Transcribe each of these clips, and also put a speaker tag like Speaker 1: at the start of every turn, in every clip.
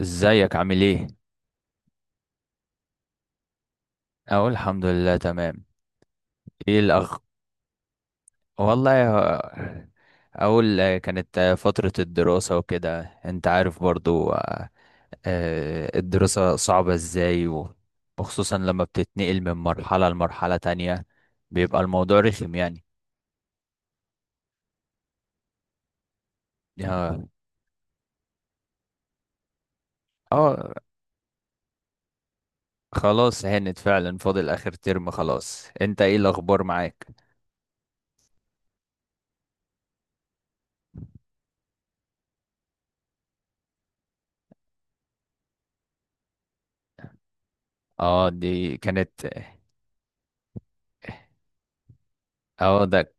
Speaker 1: ازيك عامل ايه؟ اقول الحمد لله تمام. ايه الاخ؟ والله يا- اقول كانت فترة الدراسة وكده انت عارف برضو الدراسة صعبة ازاي وخصوصا لما بتتنقل من مرحلة لمرحلة تانية، بيبقى الموضوع رخم يعني. اه. آه، خلاص هانت فعلا، فاضل اخر ترم خلاص. انت ايه الاخبار معاك؟ اه دي كانت. اه ده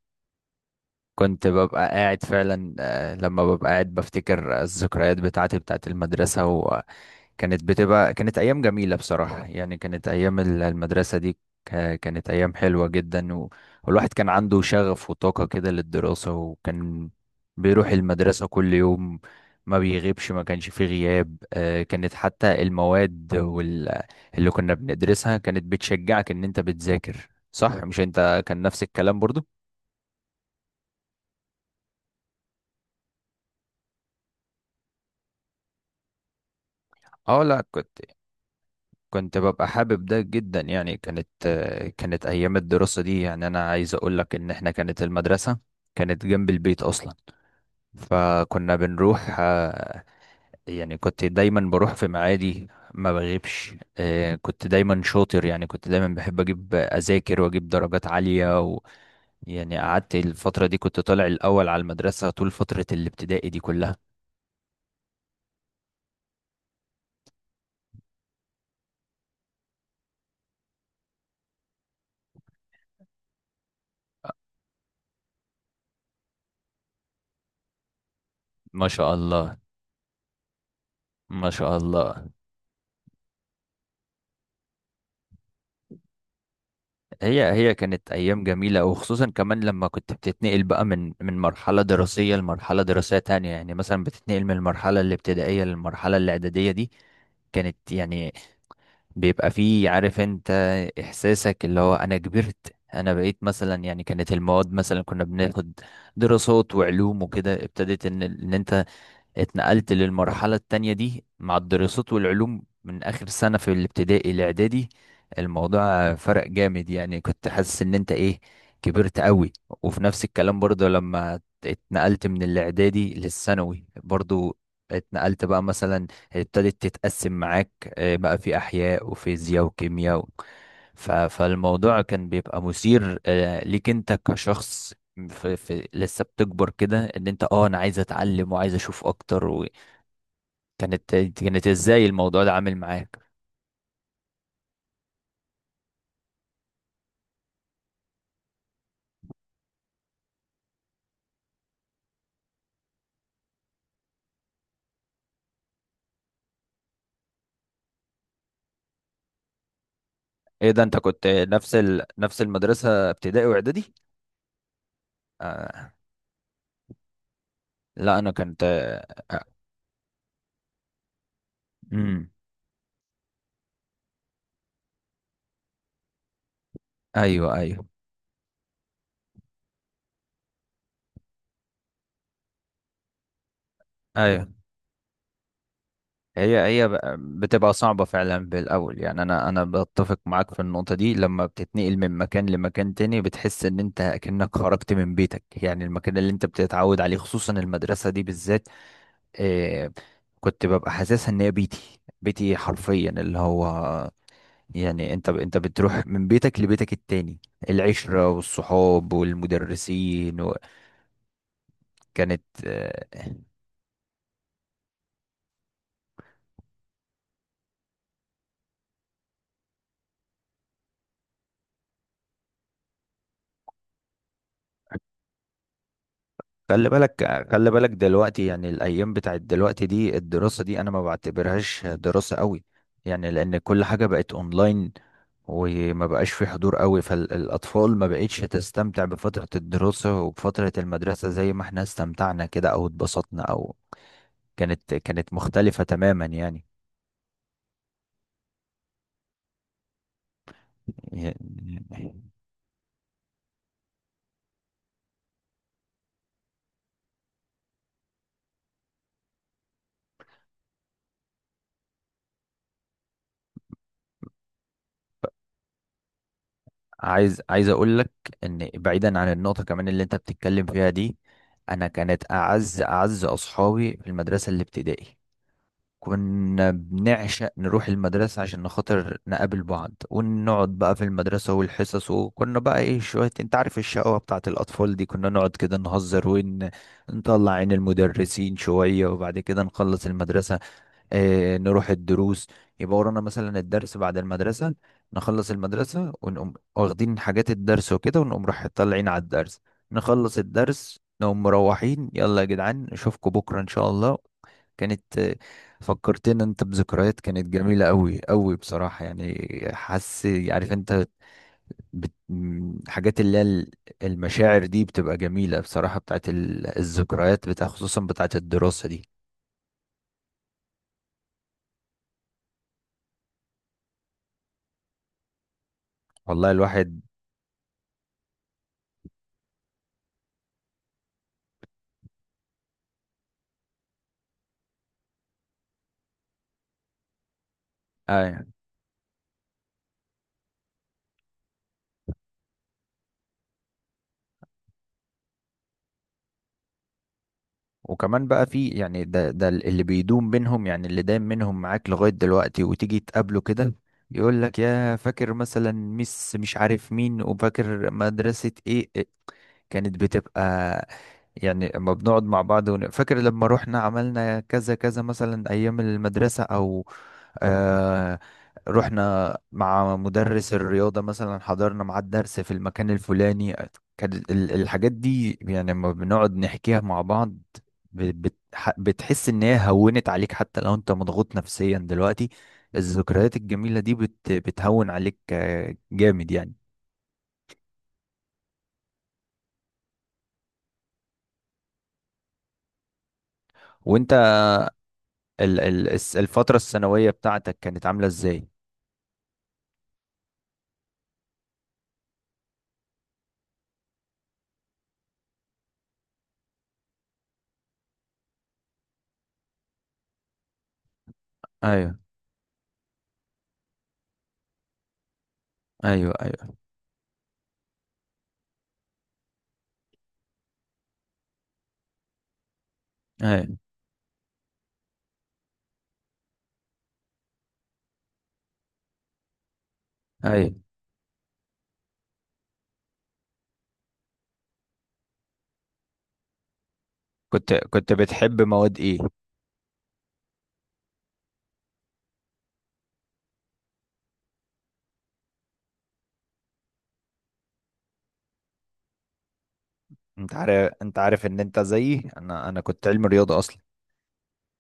Speaker 1: كنت ببقى قاعد فعلا، لما ببقى قاعد بفتكر الذكريات بتاعتي بتاعت المدرسة، وكانت بتبقى كانت أيام جميلة بصراحة، يعني كانت أيام المدرسة دي، كانت أيام حلوة جدا والواحد كان عنده شغف وطاقة كده للدراسة، وكان بيروح المدرسة كل يوم، ما بيغيبش، ما كانش فيه غياب. كانت حتى المواد اللي كنا بندرسها كانت بتشجعك إن أنت بتذاكر صح. مش أنت كان نفس الكلام برضو؟ اه لا، كنت. كنت ببقى حابب ده جدا، يعني كانت كانت ايام الدراسة دي، يعني انا عايز اقول لك ان احنا كانت المدرسة كانت جنب البيت اصلا، فكنا بنروح، يعني كنت دايما بروح في معادي، ما بغيبش. كنت دايما شاطر، يعني كنت دايما بحب اجيب اذاكر واجيب درجات عالية، و يعني قعدت الفترة دي كنت طالع الاول على المدرسة طول فترة الابتدائي دي كلها. ما شاء الله. ما شاء الله. هي هي كانت ايام جميله، وخصوصا كمان لما كنت بتتنقل بقى من مرحله دراسيه لمرحله دراسيه تانية. يعني مثلا بتتنقل من المرحله الابتدائيه للمرحله الاعداديه دي، كانت يعني بيبقى فيه عارف انت، احساسك اللي هو انا كبرت، انا بقيت مثلا. يعني كانت المواد مثلا كنا بناخد دراسات وعلوم وكده، ابتدت ان انت اتنقلت للمرحلة التانية دي مع الدراسات والعلوم من آخر سنة في الابتدائي الإعدادي، الموضوع فرق جامد. يعني كنت حاسس إن أنت إيه، كبرت قوي. وفي نفس الكلام برضه لما اتنقلت من الإعدادي للثانوي برضه، اتنقلت بقى مثلا، ابتدت تتقسم معاك بقى في أحياء وفيزياء وكيمياء فالموضوع كان بيبقى مثير ليك أنت كشخص في لسه بتكبر كده، ان انت اه انا عايز اتعلم وعايز اشوف اكتر. وكانت ازاي الموضوع ده عامل معاك؟ ايه ده، انت كنت نفس نفس المدرسة ابتدائي واعدادي؟ آه. لا انا كنت. آه. امم ايوه ايوه. ايوه. هي هي ب- بتبقى صعبة فعلا بالاول، يعني انا بتفق معاك في النقطة دي. لما بتتنقل من مكان لمكان تاني بتحس ان انت كأنك خرجت من بيتك، يعني المكان اللي انت بتتعود عليه، خصوصا المدرسة دي بالذات. آه، كنت ببقى حاسسها ان هي بيتي، بيتي حرفيا، اللي هو يعني انت بتروح من بيتك لبيتك التاني، العشرة والصحاب والمدرسين. وكانت خلي بالك، خلي بالك دلوقتي، يعني الايام بتاعت دلوقتي دي، الدراسة دي انا ما بعتبرهاش دراسة قوي، يعني لان كل حاجة بقت اونلاين، وما بقاش في حضور قوي، فالاطفال ما بقتش تستمتع بفترة الدراسة وبفترة المدرسة زي ما احنا استمتعنا كده، او اتبسطنا او كانت مختلفة تماما يعني. عايز اقول لك ان، بعيدا عن النقطة كمان اللي انت بتتكلم فيها دي، انا كانت اعز اصحابي في المدرسة الابتدائي، كنا بنعشق نروح المدرسة عشان نخاطر نقابل بعض ونقعد بقى في المدرسة والحصص، وكنا بقى ايه، شوية انت عارف الشقاوة بتاعة الأطفال دي، كنا نقعد كده نهزر ونطلع عين المدرسين شوية، وبعد كده نخلص المدرسة، نروح الدروس، يبقى ورانا مثلا الدرس بعد المدرسة، نخلص المدرسة ونقوم واخدين حاجات الدرس وكده ونقوم رايح طالعين على الدرس، نخلص الدرس نقوم مروحين، يلا يا جدعان نشوفكم بكرة إن شاء الله. كانت فكرتنا انت بذكريات كانت جميلة قوي قوي بصراحة يعني. حاسس عارف انت، حاجات اللي هي المشاعر دي بتبقى جميلة بصراحة، بتاعت الذكريات، بتاع خصوصا بتاعت الدراسة دي. والله الواحد. آه، وكمان بقى في يعني ده اللي بيدوم بينهم، يعني اللي دايم منهم معاك لغاية دلوقتي، وتيجي تقابله كده يقول لك يا فاكر مثلا ميس مش عارف مين، وفاكر مدرسة ايه إيه، كانت بتبقى. يعني لما بنقعد مع بعض فاكر لما رحنا عملنا كذا كذا مثلا ايام المدرسة، او آه رحنا مع مدرس الرياضة مثلا حضرنا معاه الدرس في المكان الفلاني، كانت الحاجات دي يعني، لما بنقعد نحكيها مع بعض بتحس ان هي هونت عليك، حتى لو انت مضغوط نفسيا دلوقتي الذكريات الجميلة دي بتهون عليك جامد يعني. وانت الفترة الثانوية بتاعتك كانت عاملة ازاي؟ ايوه ايوه ايوه ايوه ايوه. كنت بتحب مواد ايه؟ انت عارف، انت عارف ان انت زيي، انا كنت علم رياضه اصلا،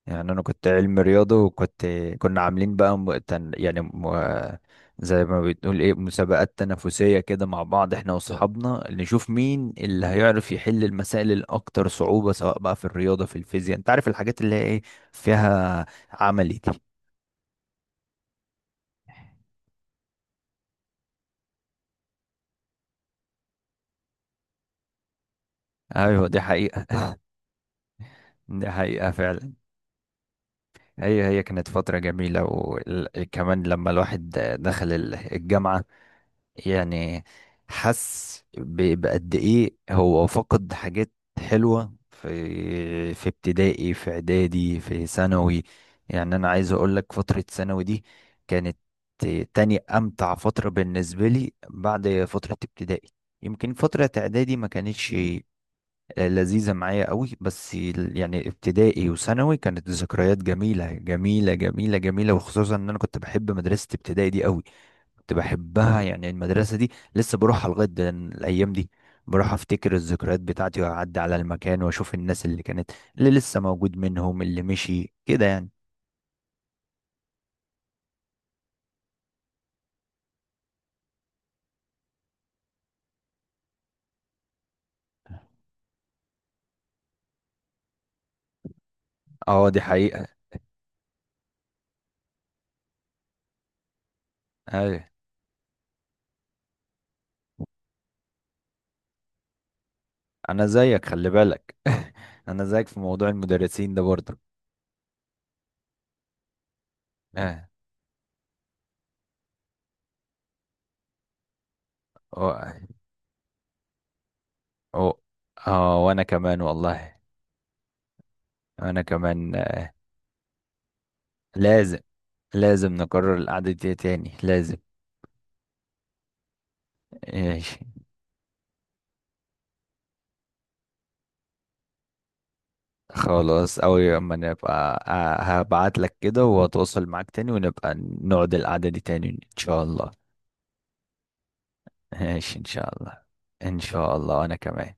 Speaker 1: يعني انا كنت علم رياضه، وكنت كنا عاملين بقى م... تن... يعني م... زي ما بتقول ايه، مسابقات تنافسيه كده مع بعض، احنا واصحابنا اللي نشوف مين اللي هيعرف يحل المسائل الاكتر صعوبه، سواء بقى في الرياضه في الفيزياء، انت عارف الحاجات اللي هي ايه، فيها عملي دي. ايوه دي حقيقه. دي حقيقه فعلا. هي هي كانت فتره جميله، وكمان لما الواحد دخل الجامعه يعني حس بقد ايه هو فقد حاجات حلوة في في ابتدائي في اعدادي في ثانوي. يعني انا عايز اقول لك فترة ثانوي دي كانت تاني امتع فترة بالنسبة لي بعد فترة ابتدائي. يمكن فترة اعدادي ما كانتش لذيذة معايا قوي، بس يعني ابتدائي وثانوي كانت ذكريات جميلة جميلة جميلة جميلة، وخصوصا ان انا كنت بحب مدرسة ابتدائي دي قوي، كنت بحبها يعني. المدرسة دي لسه بروحها لغاية الأيام دي، بروح أفتكر الذكريات بتاعتي، وأعدي على المكان وأشوف الناس اللي كانت، اللي لسه موجود منهم، اللي مشي كده يعني. اه دي حقيقة. أيوة، أنا زيك خلي بالك. أنا زيك في موضوع المدرسين ده برضه. اه. اه. اه. آه، وأنا كمان والله. أنا كمان آه، لازم. لازم نكرر القعدة دي تاني، لازم. ماشي. خلاص أوي، أما نبقى هبعت لك كده وأتواصل معاك تاني، ونبقى نقعد القعدة دي تاني إن شاء الله. ماشي إن شاء الله. إن شاء الله. أنا كمان.